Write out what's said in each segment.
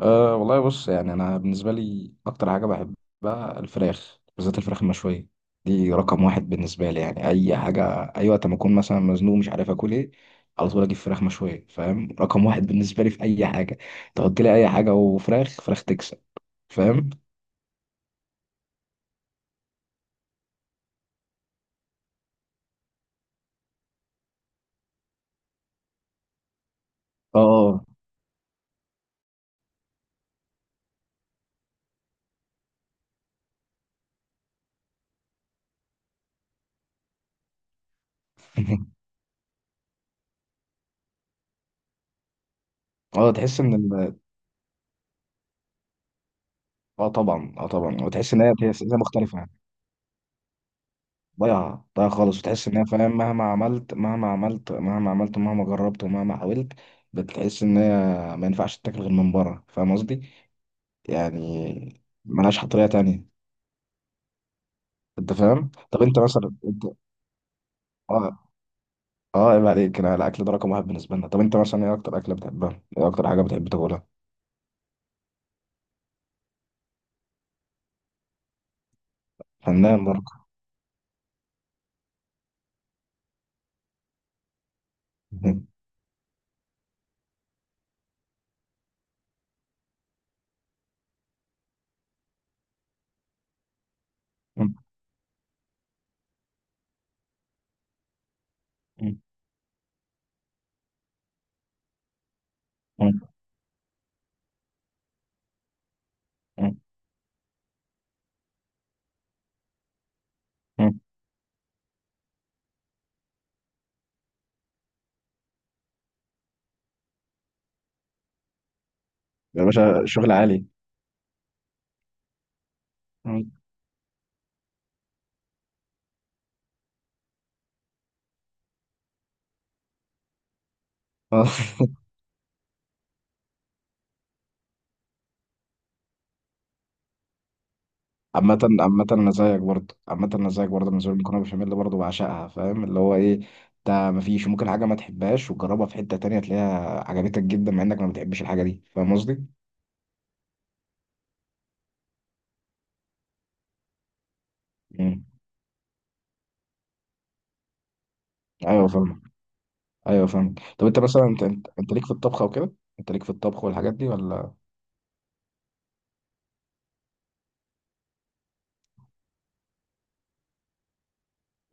أه والله، بص يعني أنا بالنسبة لي أكتر حاجة بحبها الفراخ، بالذات الفراخ المشوية، دي رقم واحد بالنسبة لي، يعني أي حاجة. أي وقت ما أكون مثلا مزنوق مش عارف آكل إيه، على طول أجيب فراخ مشوية، فاهم؟ رقم واحد بالنسبة لي في أي حاجة. تحط لي أي حاجة وفراخ فراخ تكسب، فاهم؟ اه. اه، تحس إن طبعا، اه طبعا، وتحس إن هي مختلفة. ضايعة ضايعة خالص، وتحس إن هي، فاهم، مهما عملت مهما عملت مهما عملت ومهما جربت ومهما حاولت، بتحس إن هي ما ينفعش تتاكل غير من بره، فاهم قصدي؟ يعني ملهاش طريقة تانية. أنت فاهم؟ طب أنت مثلا أنت، آه، آه عيب عليك، أنا الأكل ده رقم واحد بالنسبة لنا. طب أنت مثلا إيه أكتر أكلة بتحبها؟ إيه أكتر حاجة بتحب تاكلها؟ فنان برضه. يا باشا، شغل عالي. آه. عامة عامة أنا زيك برضه، عامة أنا زيك برضه، بالنسبة لي المكرونة بشاميل برضه بعشقها، فاهم، اللي هو إيه، ده مفيش، ممكن حاجة ما تحبهاش وتجربها في حتة تانية تلاقيها عجبتك جدا مع إنك ما بتحبش الحاجة دي، فاهم قصدي؟ مم. أيوه فاهمك. أيوه فاهمك. طب أنت مثلا انت ليك في الطبخ أو كده؟ أنت ليك في الطبخ والحاجات دي ولا؟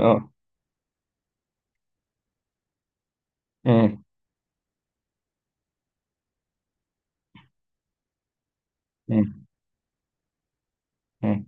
أه. مم. مم. مم.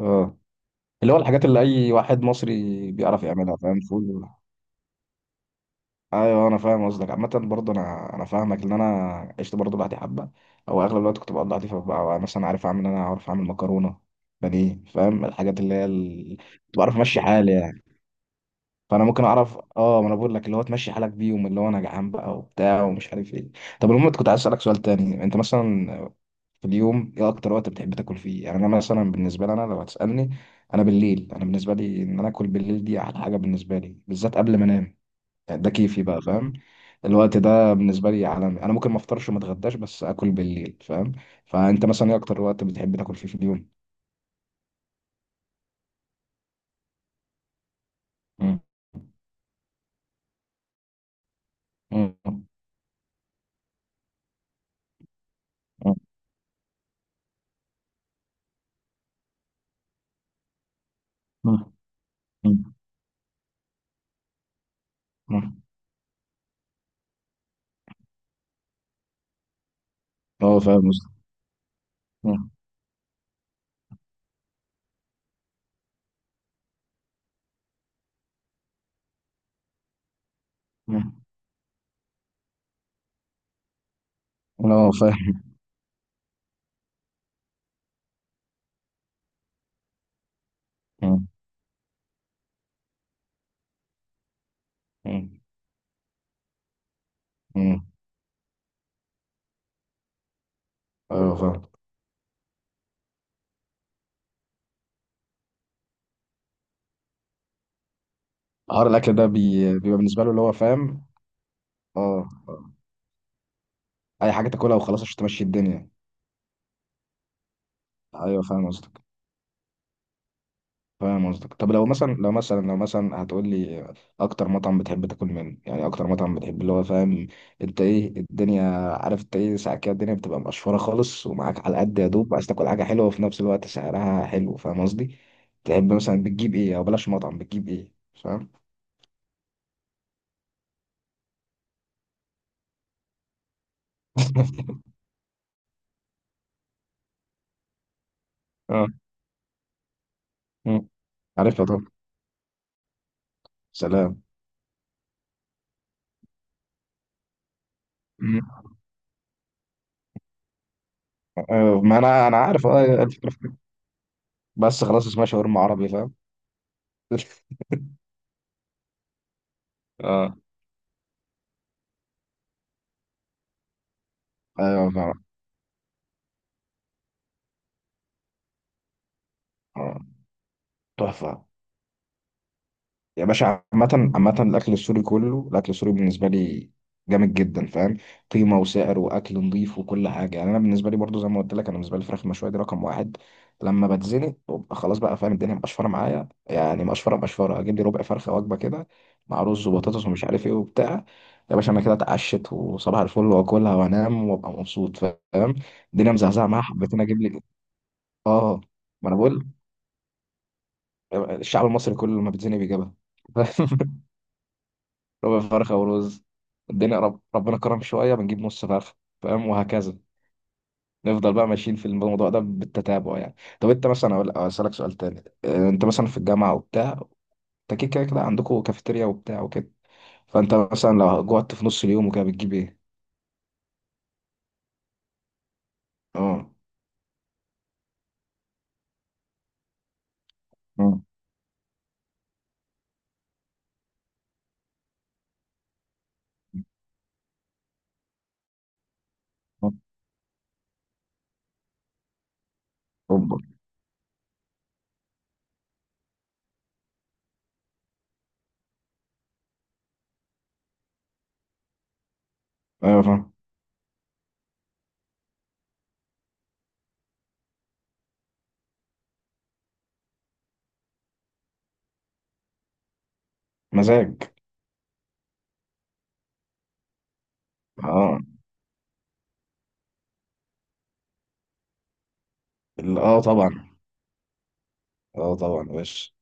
أه. اللي هو الحاجات اللي أي واحد مصري بيعرف يعملها، فاهم، فول. ايوه انا فاهم قصدك. عامه برضه انا فاهمك، ان انا عشت برضه لوحدي حبه، او اغلب الوقت كنت بقضي لوحدي، فبقى مثلا عارف اعمل إيه، انا عارف اعمل مكرونه بانيه، فاهم، الحاجات اللي هي كنت بعرف امشي حالي يعني. فانا ممكن اعرف، اه ما انا بقول لك، اللي هو تمشي حالك بيهم، اللي هو انا جعان بقى وبتاع ومش عارف ايه. طب المهم كنت عايز اسالك سؤال تاني. انت مثلا في اليوم ايه اكتر وقت بتحب تاكل فيه؟ يعني انا مثلا بالنسبه لي، انا لو هتسالني انا بالليل، انا بالنسبه لي ان انا اكل بالليل دي احلى حاجه بالنسبه لي، بالذات قبل ما انام، يعني ده كيفي بقى، فاهم. الوقت ده بالنسبة لي عالمي، أنا ممكن ما أفطرش وما أتغداش بس أكل بالليل، فاهم. فأنت مثلا إيه أكتر وقت بتحب تاكل فيه في اليوم؟ مم. مم. مم. مم. مم. مم. أه فاهم قصدك. مم. مم. أه فاهم. مم. مم. مم. أه فاهم. حوار الأكل ده، بيبقى بالنسبة له اللي هو فاهم، أه أه. أي حاجة تاكلها وخلاص عشان تمشي الدنيا. أيوه فاهم قصدك. فاهم قصدك. طب لو مثلا هتقول لي اكتر مطعم بتحب تاكل منه، يعني اكتر مطعم بتحب، اللي هو فاهم، انت ايه الدنيا، عارف انت ايه، ساعات كده الدنيا بتبقى مقشفره خالص ومعاك على قد يا دوب، عايز تاكل حاجه حلوه وفي نفس الوقت سعرها حلو، فاهم قصدي، تحب مثلا بتجيب ايه؟ او بلاش مطعم، بتجيب ايه؟ فاهم. اه. مم. عارفها طبعا. سلام. مم. آه، ما انا عارف اه الفكرة في كده. بس خلاص اسمها شاورما عربي، فاهم. اه. ايوه فاهم. آه، تحفه. يا باشا، عامة عامة الأكل السوري كله، الأكل السوري بالنسبة لي جامد جدا، فاهم، قيمة وسعر وأكل نظيف وكل حاجة، يعني أنا بالنسبة لي برضو، زي ما قلت لك، أنا بالنسبة لي الفراخ المشوية دي رقم واحد. لما بتزنق ببقى خلاص بقى، فاهم، الدنيا مقشفرة معايا، يعني مقشفرة مقشفرة، أجيب لي ربع فرخة وجبة كده مع رز وبطاطس ومش عارف إيه وبتاع. يا باشا أنا كده اتعشت وصباح الفل، وأكلها وأنام وأبقى مبسوط، فاهم. الدنيا مزعزعة معايا، حبيت أنا أجيب لي. آه، ما أنا بقول، الشعب المصري كله لما بيتزنق بيجيبها. ربع فرخة ورز. الدنيا ربنا كرم شوية بنجيب نص فرخة، فاهم وهكذا. نفضل بقى ماشيين في الموضوع ده بالتتابع يعني. طب انت مثلا اسألك سؤال تاني، اه، انت مثلا في الجامعة وبتاع، انت كده عندكم كافيتيريا وبتاع وكده. فانت مثلا لو جوعت في نص اليوم وكده بتجيب ايه؟ اه. اه. اوبا. ايوه فاهم. مزاج. اه. طبعا. اه طبعا بس،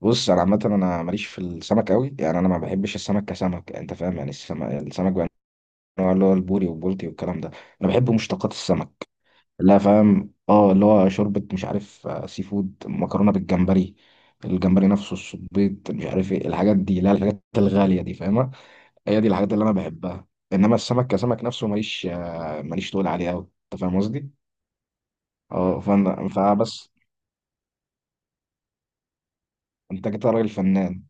بص انا عامه انا ماليش في السمك قوي، يعني انا ما بحبش السمك كسمك، انت فاهم، يعني السمك السمك النوع اللي هو البوري والبولتي والكلام ده. انا بحب مشتقات السمك. لا فاهم، اه اللي هو شوربة مش عارف، آه، سي فود، مكرونة بالجمبري، الجمبري نفسه، الصبيط، مش عارف ايه الحاجات دي، لا الحاجات الغالية دي فاهمة. هي دي الحاجات اللي انا بحبها. انما السمك كسمك نفسه ماليش، آه، ماليش تقول عليه قوي، انت فاهم قصدي. اه فبس. انت كده راجل فنان.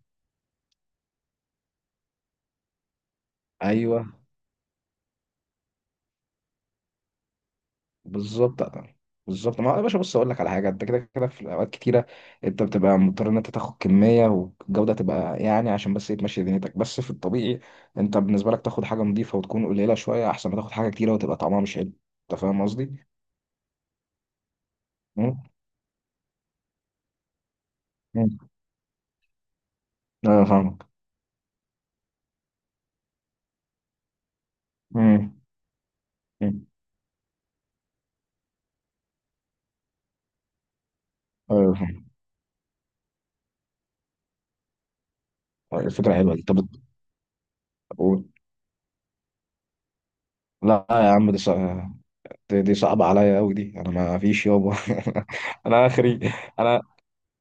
ايوه. بالظبط. بالظبط، ما هو يا باشا، بص اقول لك على حاجه، انت كده كده في اوقات كتيره انت بتبقى مضطر ان انت تاخد كميه والجوده تبقى، يعني عشان بس ايه تمشي دنيتك بس، في الطبيعي انت بالنسبه لك تاخد حاجه نظيفه وتكون قليله شويه احسن ما تاخد حاجه كتيره وتبقى طعمها مش حلو، انت فاهم قصدي؟ مم. مم. ايوه فاهمك. مم. مم. ايوه فاهم. الفكره حلوه دي. طب، قول. لا يا عم، دي صعبه عليا قوي، دي انا ما فيش يابا. انا اخري. انا،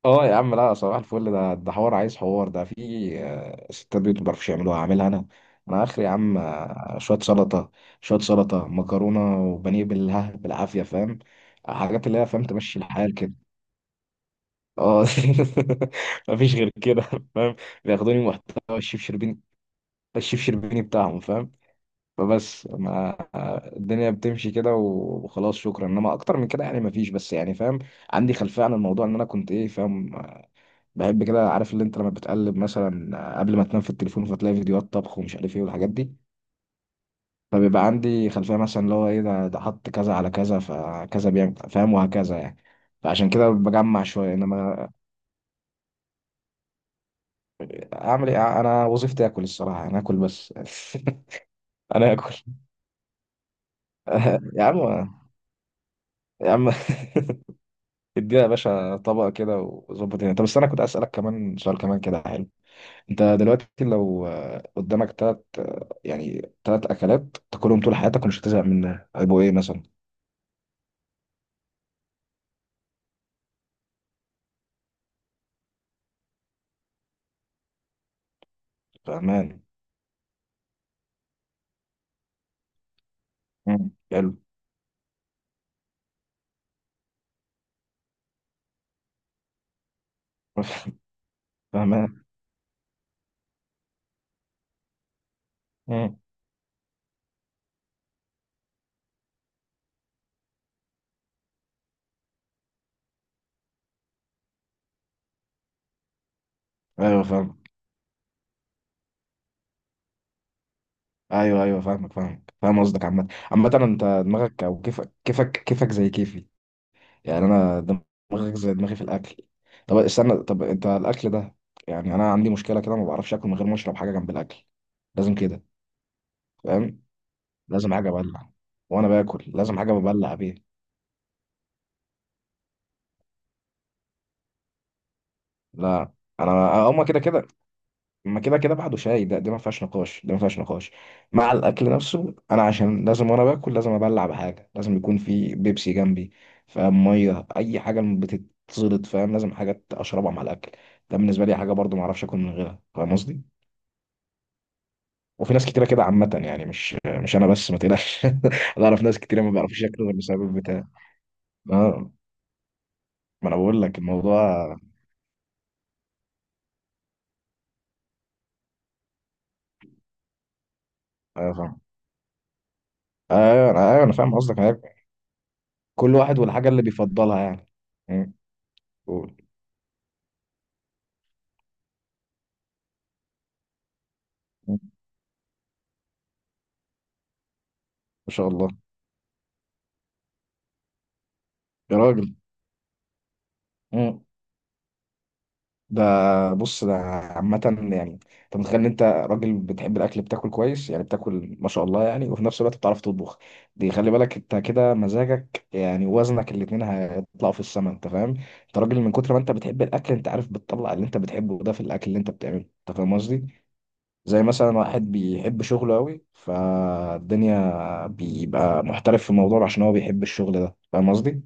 اه يا عم، لا صباح الفل، ده حوار، عايز حوار ده في، آه، ستات بيوت ما بيعرفوش يعملوها هعملها انا. انا اخري يا عم، آه، شويه سلطه، شويه سلطه مكرونه وبانيه بالها بالعافيه، فاهم، حاجات اللي هي فاهم تمشي الحال كده. اه. مفيش غير كده، فاهم. بياخدوني محتوى الشيف شربيني، الشيف شربيني بتاعهم، فاهم. فبس ما، آه، الدنيا بتمشي كده وخلاص، شكرا، انما اكتر من كده يعني مفيش، بس يعني فاهم، عندي خلفيه عن الموضوع ان انا كنت ايه فاهم، بحب كده، عارف اللي انت لما بتقلب مثلا قبل ما تنام في التليفون فتلاقي فيديوهات طبخ ومش عارف ايه والحاجات دي، فبيبقى عندي خلفية مثلا اللي هو ايه، ده حط كذا على كذا فكذا بيعمل، فاهم وهكذا يعني، فعشان كده بجمع شوية، انما اعمل ايه، انا وظيفتي اكل الصراحة، انا اكل بس. انا اكل. يا عم. يا عم. ادينا يا باشا طبق كده وظبط الدنيا. طب بس انا كنت اسألك كمان سؤال كمان كده، حلو، انت دلوقتي لو، آه، قدامك تلات، آه، يعني تلات اكلات تاكلهم طول حياتك ومش هتزهق منها هيبقوا ايه مثلا؟ فاهمان. مم. حلو. فاهمان. مم. ايوه فاهم. ايوه ايوه فاهمك فاهمك فاهم قصدك. عامة عامة انت دماغك او كيفك كيفك كيفك زي كيفي. يعني انا دماغك زي دماغي في الاكل. طب استنى، طب انت الاكل ده، يعني انا عندي مشكلة كده ما بعرفش اكل من غير ما اشرب حاجة جنب الاكل، لازم كده، فاهم، لازم حاجة ابلع، وانا باكل لازم حاجة ببلع بيها. لا انا، هما كده كده، ما كده كده بعده شاي، ده ما فيهاش نقاش، ده ما فيهاش نقاش. مع الاكل نفسه انا عشان لازم، وانا باكل لازم ابلع بحاجه، لازم يكون في بيبسي جنبي، فاهم، ميه اي حاجه بتتزلط، فاهم لازم حاجه اشربها مع الاكل، ده بالنسبه لي حاجه برضو ما اعرفش اكل من غيرها، فاهم قصدي. وفي ناس كتيره كده عامه، يعني مش انا بس، ما تقلقش، انا اعرف ناس كتيره ما بيعرفوش ياكلوا غير بسبب بتاع. اه ما انا بقول لك الموضوع. ايوه فاهم. ايوه انا فاهم قصدك. كل واحد والحاجة اللي بيفضلها يعني. مم. قول. مم. ما شاء الله. يا راجل. مم. ده بص، ده عامة يعني، انت متخيل ان انت راجل بتحب الاكل، بتاكل كويس يعني، بتاكل ما شاء الله يعني، وفي نفس الوقت بتعرف تطبخ، دي خلي بالك، انت كده مزاجك، يعني وزنك الاتنين هيطلعوا في السما، انت فاهم. انت راجل، من كتر ما انت بتحب الاكل، انت عارف، بتطلع اللي انت بتحبه ده في الاكل اللي انت بتعمله، انت فاهم قصدي، زي مثلا واحد بيحب شغله قوي فالدنيا بيبقى محترف في الموضوع عشان هو بيحب الشغل ده، فاهم قصدي.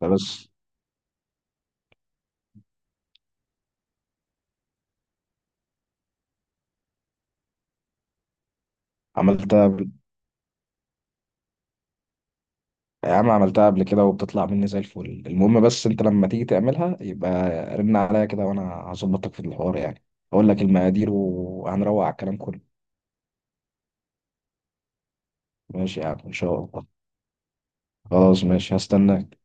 فبس. عملتها ب- يا عم عملتها قبل كده وبتطلع مني زي الفل، المهم بس انت لما تيجي تعملها يبقى رن عليا كده وانا هظبطك في الحوار، يعني اقول لك المقادير وهنروق على الكلام كله. ماشي يا عم، ان شاء الله. خلاص ماشي، هستناك.